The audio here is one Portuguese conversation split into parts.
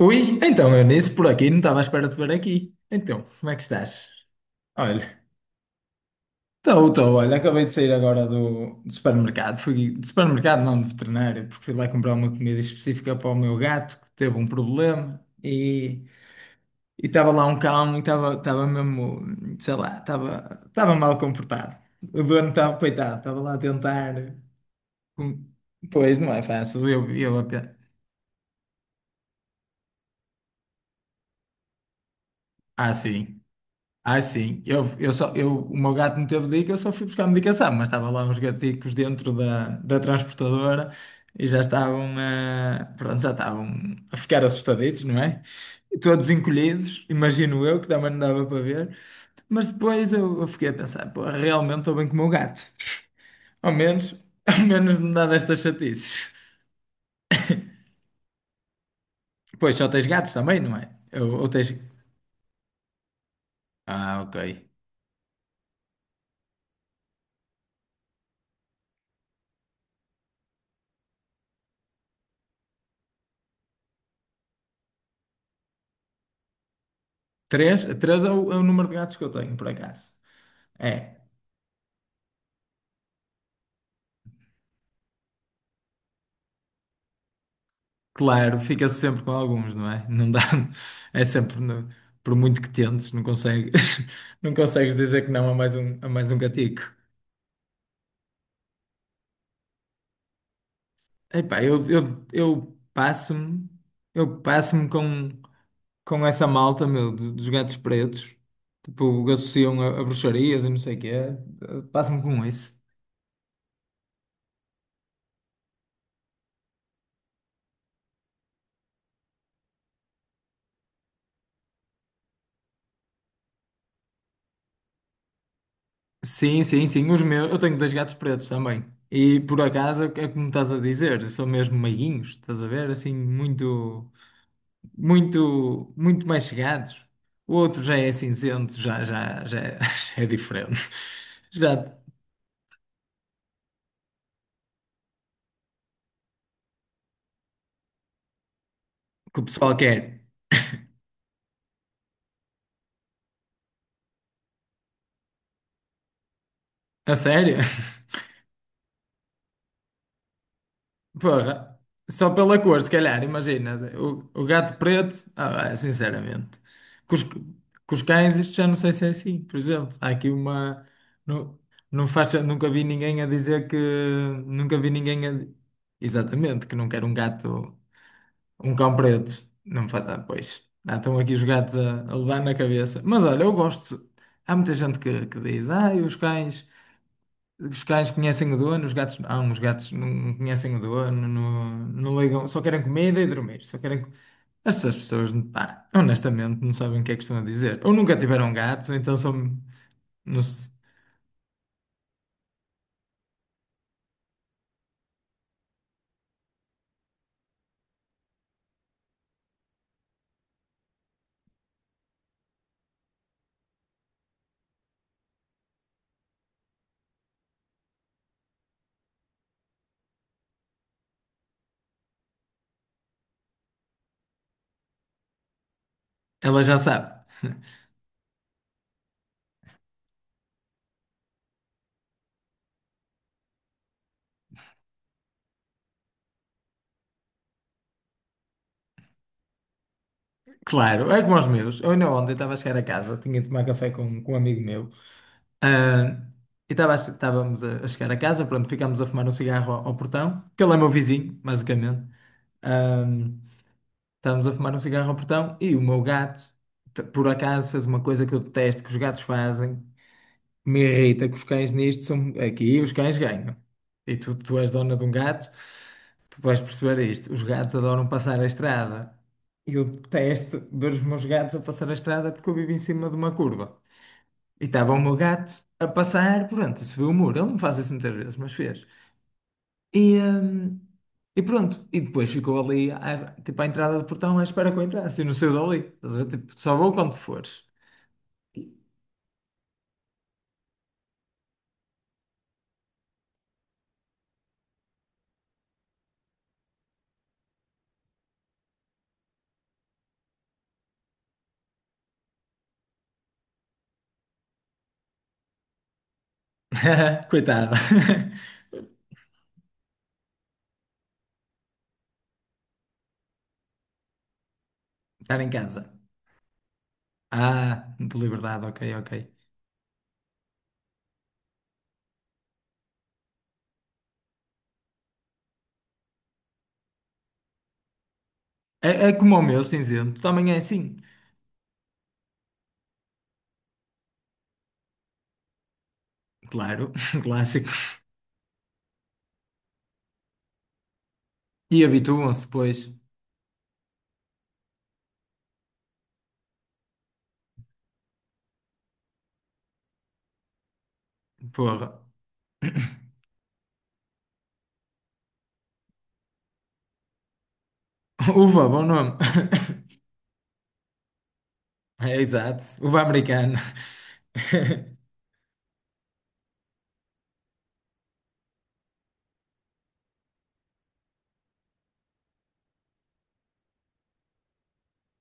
Ui, então eu nisso por aqui não estava à espera de ver aqui. Então, como é que estás? Olha, estou, olha, acabei de sair agora do supermercado. Fui do supermercado, não, do veterinário, porque fui lá comprar uma comida específica para o meu gato que teve um problema e estava lá um cão e estava mesmo, sei lá, estava mal comportado. O dono estava, coitado, estava lá a tentar. com- Pois, não é fácil, eu apenas. Ah, sim. Ah, sim. Eu só, eu, o meu gato não teve dica, eu só fui buscar a medicação, mas estava lá uns gaticos dentro da transportadora e já estavam a ficar assustaditos, não é? E todos encolhidos, imagino eu, que também não dava para ver. Mas depois eu fiquei a pensar, pô, realmente estou bem com o meu gato. Ao menos, ao menos não dá destas chatices. Pois, só tens gatos também, não é? Ou tens... Ah, ok. Três? Três é o número de gatos que eu tenho, por acaso. É. Claro, fica-se sempre com alguns, não é? Não dá, é sempre, por muito que tentes, não consegues, não consegues dizer que não a mais um, a mais um gatico. Epá, eu passo-me, eu passo-me com essa malta, meu, dos gatos pretos, tipo, associam a, bruxarias e não sei o quê. Eu passo-me com isso. Sim, sim, sim, os meus, eu tenho dois gatos pretos também. E por acaso, é como estás a dizer, são mesmo meiguinhos, estás a ver? Assim, muito, muito, muito mais chegados. O outro já é cinzento, já, já, já, é já é diferente. Já que o pessoal quer. A sério? Porra, só pela cor, se calhar, imagina. O gato preto, ah, ah, sinceramente. Com os cães, isto já não sei se é assim. Por exemplo, há aqui uma. Não, não faz, nunca vi ninguém a dizer que. Nunca vi ninguém a. Exatamente, que não quer um gato. Um cão preto. Não faz. Ah, pois. Ah, estão aqui os gatos a, levar na cabeça. Mas olha, eu gosto. Há muita gente que diz: ah, e os cães conhecem o dono, os gatos. Ah, uns gatos não conhecem o dono, não, não ligam, só querem comida e dormir. Só querem. As pessoas, pessoas, pá, honestamente, não sabem o que é que estão a dizer. Ou nunca tiveram gatos, ou então são. não se- Ela já sabe. Claro, é como os meus. Eu ainda ontem estava a chegar a casa, tinha de tomar café com, um amigo meu. Ah, e estávamos a, chegar a casa, pronto, ficámos a fumar um cigarro ao, portão, que ele é meu vizinho, basicamente. Ah, estávamos a fumar um cigarro ao portão e o meu gato, por acaso, fez uma coisa que eu detesto, que os gatos fazem, me irrita, que os cães nisto são aqui, os cães ganham. E tu és dona de um gato, tu vais perceber isto. Os gatos adoram passar a estrada. E eu detesto ver os meus gatos a passar a estrada porque eu vivo em cima de uma curva. E estava o meu gato a passar, pronto, subiu o muro. Ele não faz isso muitas vezes, mas fez. E, hum, e pronto, e depois ficou ali, tipo, à entrada do portão, à espera que eu entrasse. E não saiu dali. Estás a ver? Tipo, só vou quando fores. E- Coitado. Estar em casa. Ah, de liberdade, ok, ok. É como o meu cinzento, também é assim. Claro, clássico. E habituam-se, pois. Porra. Uva, bom nome. É, exato. Uva americana.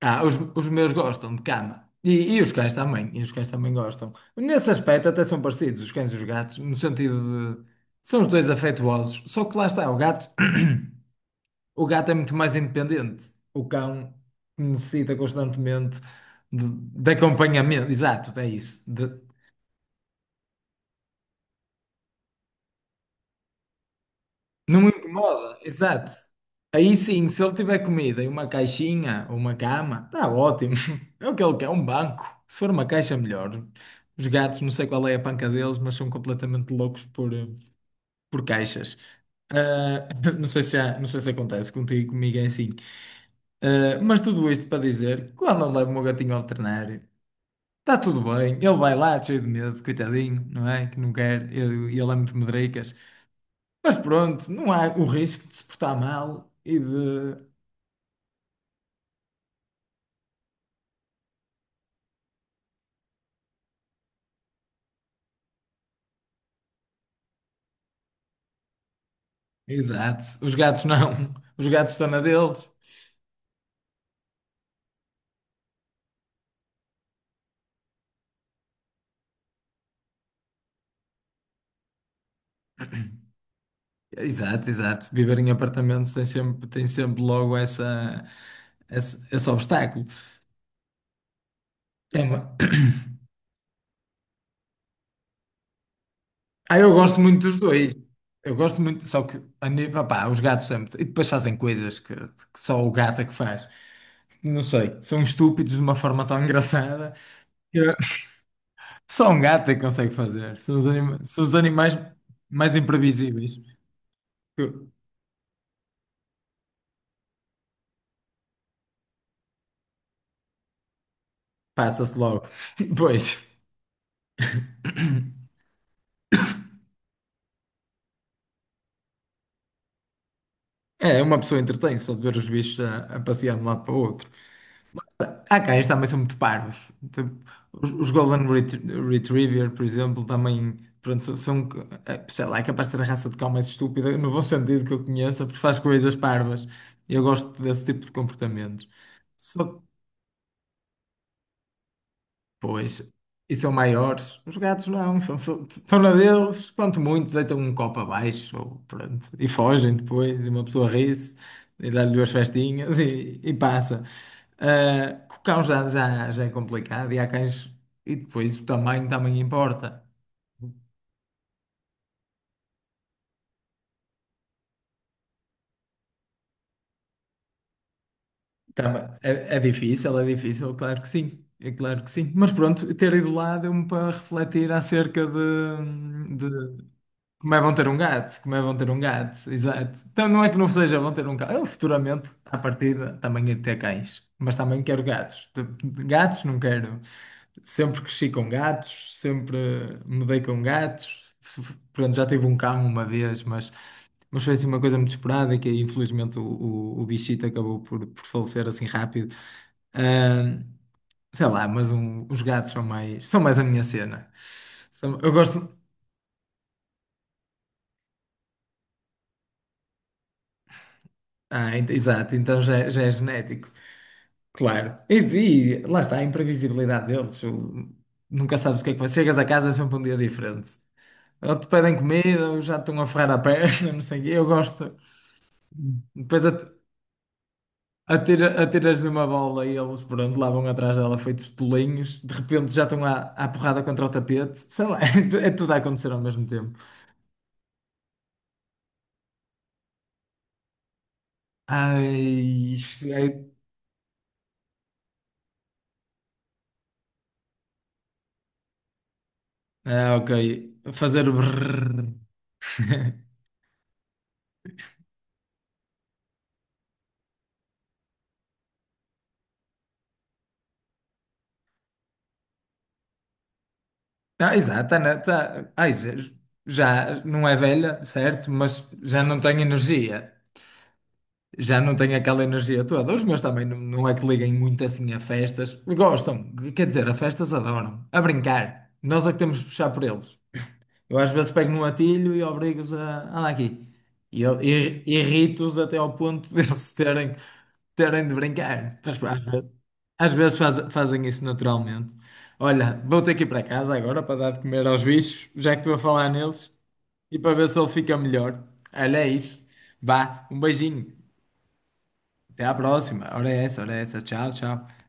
Ah, os meus gostam de cama. E os cães também. E os cães também gostam. Nesse aspecto até são parecidos, os cães e os gatos, no sentido de... São os dois afetuosos. Só que lá está, o gato, o gato é muito mais independente. O cão necessita constantemente de acompanhamento. Exato, é isso. De, não me incomoda, exato. Aí sim, se ele tiver comida e uma caixinha ou uma cama, está ótimo. É o que ele quer, um banco. Se for uma caixa, melhor. Os gatos, não sei qual é a panca deles, mas são completamente loucos por caixas. Ah, não sei se acontece contigo, comigo é assim. Ah, mas tudo isto para dizer, quando eu levo o meu gatinho ao veterinário, está tudo bem. Ele vai lá, cheio de medo, coitadinho, não é? Que não quer. Ele é muito medricas. Mas pronto, não há o risco de se portar mal e de. Exato. Os gatos não. Os gatos estão na deles. Exato, exato. Viver em apartamentos tem sempre logo essa, esse obstáculo. É uma- Ah, eu gosto muito dos dois. Eu gosto muito, só que a nível, pá, os gatos sempre. E depois fazem coisas que só o gato é que faz. Não sei, são estúpidos de uma forma tão engraçada. Que Só um gato é que consegue fazer. São os animais mais imprevisíveis. Passa-se logo. Pois. É, uma pessoa entretém só de ver os bichos a, passear de um lado para o outro. Há cães também são muito parvos. Tipo, os Golden Retriever, por exemplo, também pronto, são, sei lá, é capaz de ser a raça de cão mais estúpida, no bom sentido que eu conheça, porque faz coisas parvas. Eu gosto desse tipo de comportamentos. Só, pois, e são maiores. Os gatos não, são, são na deles, quanto muito, deitam um copo abaixo, ou pronto, e fogem depois, e uma pessoa ri-se, e dá-lhe duas festinhas e passa. Ah, com o cão já, já é complicado, e há cães, e depois o tamanho também importa. É difícil, é difícil, claro que sim, é claro que sim. Mas pronto, ter ido lá deu-me para refletir acerca de, como é vão ter um gato? Como é vão ter um gato? Exato. Então não é que não seja vão ter um gato. Eu futuramente, à partida, também hei ter cães. Mas também quero gatos. Gatos não quero. Sempre cresci com gatos, sempre me dei com gatos. Pronto, já tive um cão uma vez, mas foi assim uma coisa muito esperada e que infelizmente o bichito acabou por falecer assim rápido. Ah, sei lá, mas os gatos são mais a minha cena. Eu gosto. Ah, exato, então já, já é genético. Claro. E lá está a imprevisibilidade deles. Nunca sabes o que é que vai. Chegas a casa é sempre um dia diferente. Ou te pedem comida, ou já te estão a ferrar a perna, não sei o quê. Eu gosto. Depois atiras-lhe uma bola e eles, pronto, lá vão atrás dela feitos tolinhos. De repente já estão à, porrada contra o tapete. Sei lá, é tudo a acontecer ao mesmo tempo. Ai, isto é- Ah, ok. Fazer o brrr. Ah, exato, a Ana, tá, ai, já não é velha, certo? Mas já não tem energia. Já não tem aquela energia toda. Os meus também não, não é que liguem muito assim a festas. Gostam, quer dizer, a festas adoram. A brincar. Nós é que temos de puxar por eles. Eu às vezes pego no atilho e obrigo-os a andar aqui. E eu irrito-os até ao ponto de eles terem, terem de brincar. Mas, pá, às vezes fazem isso naturalmente. Olha, vou ter que ir para casa agora para dar de comer aos bichos, já que estou a falar neles, e para ver se ele fica melhor. Olha, é isso. Vá, um beijinho. Até à próxima. Ora é essa, ora é essa. Tchau, tchau.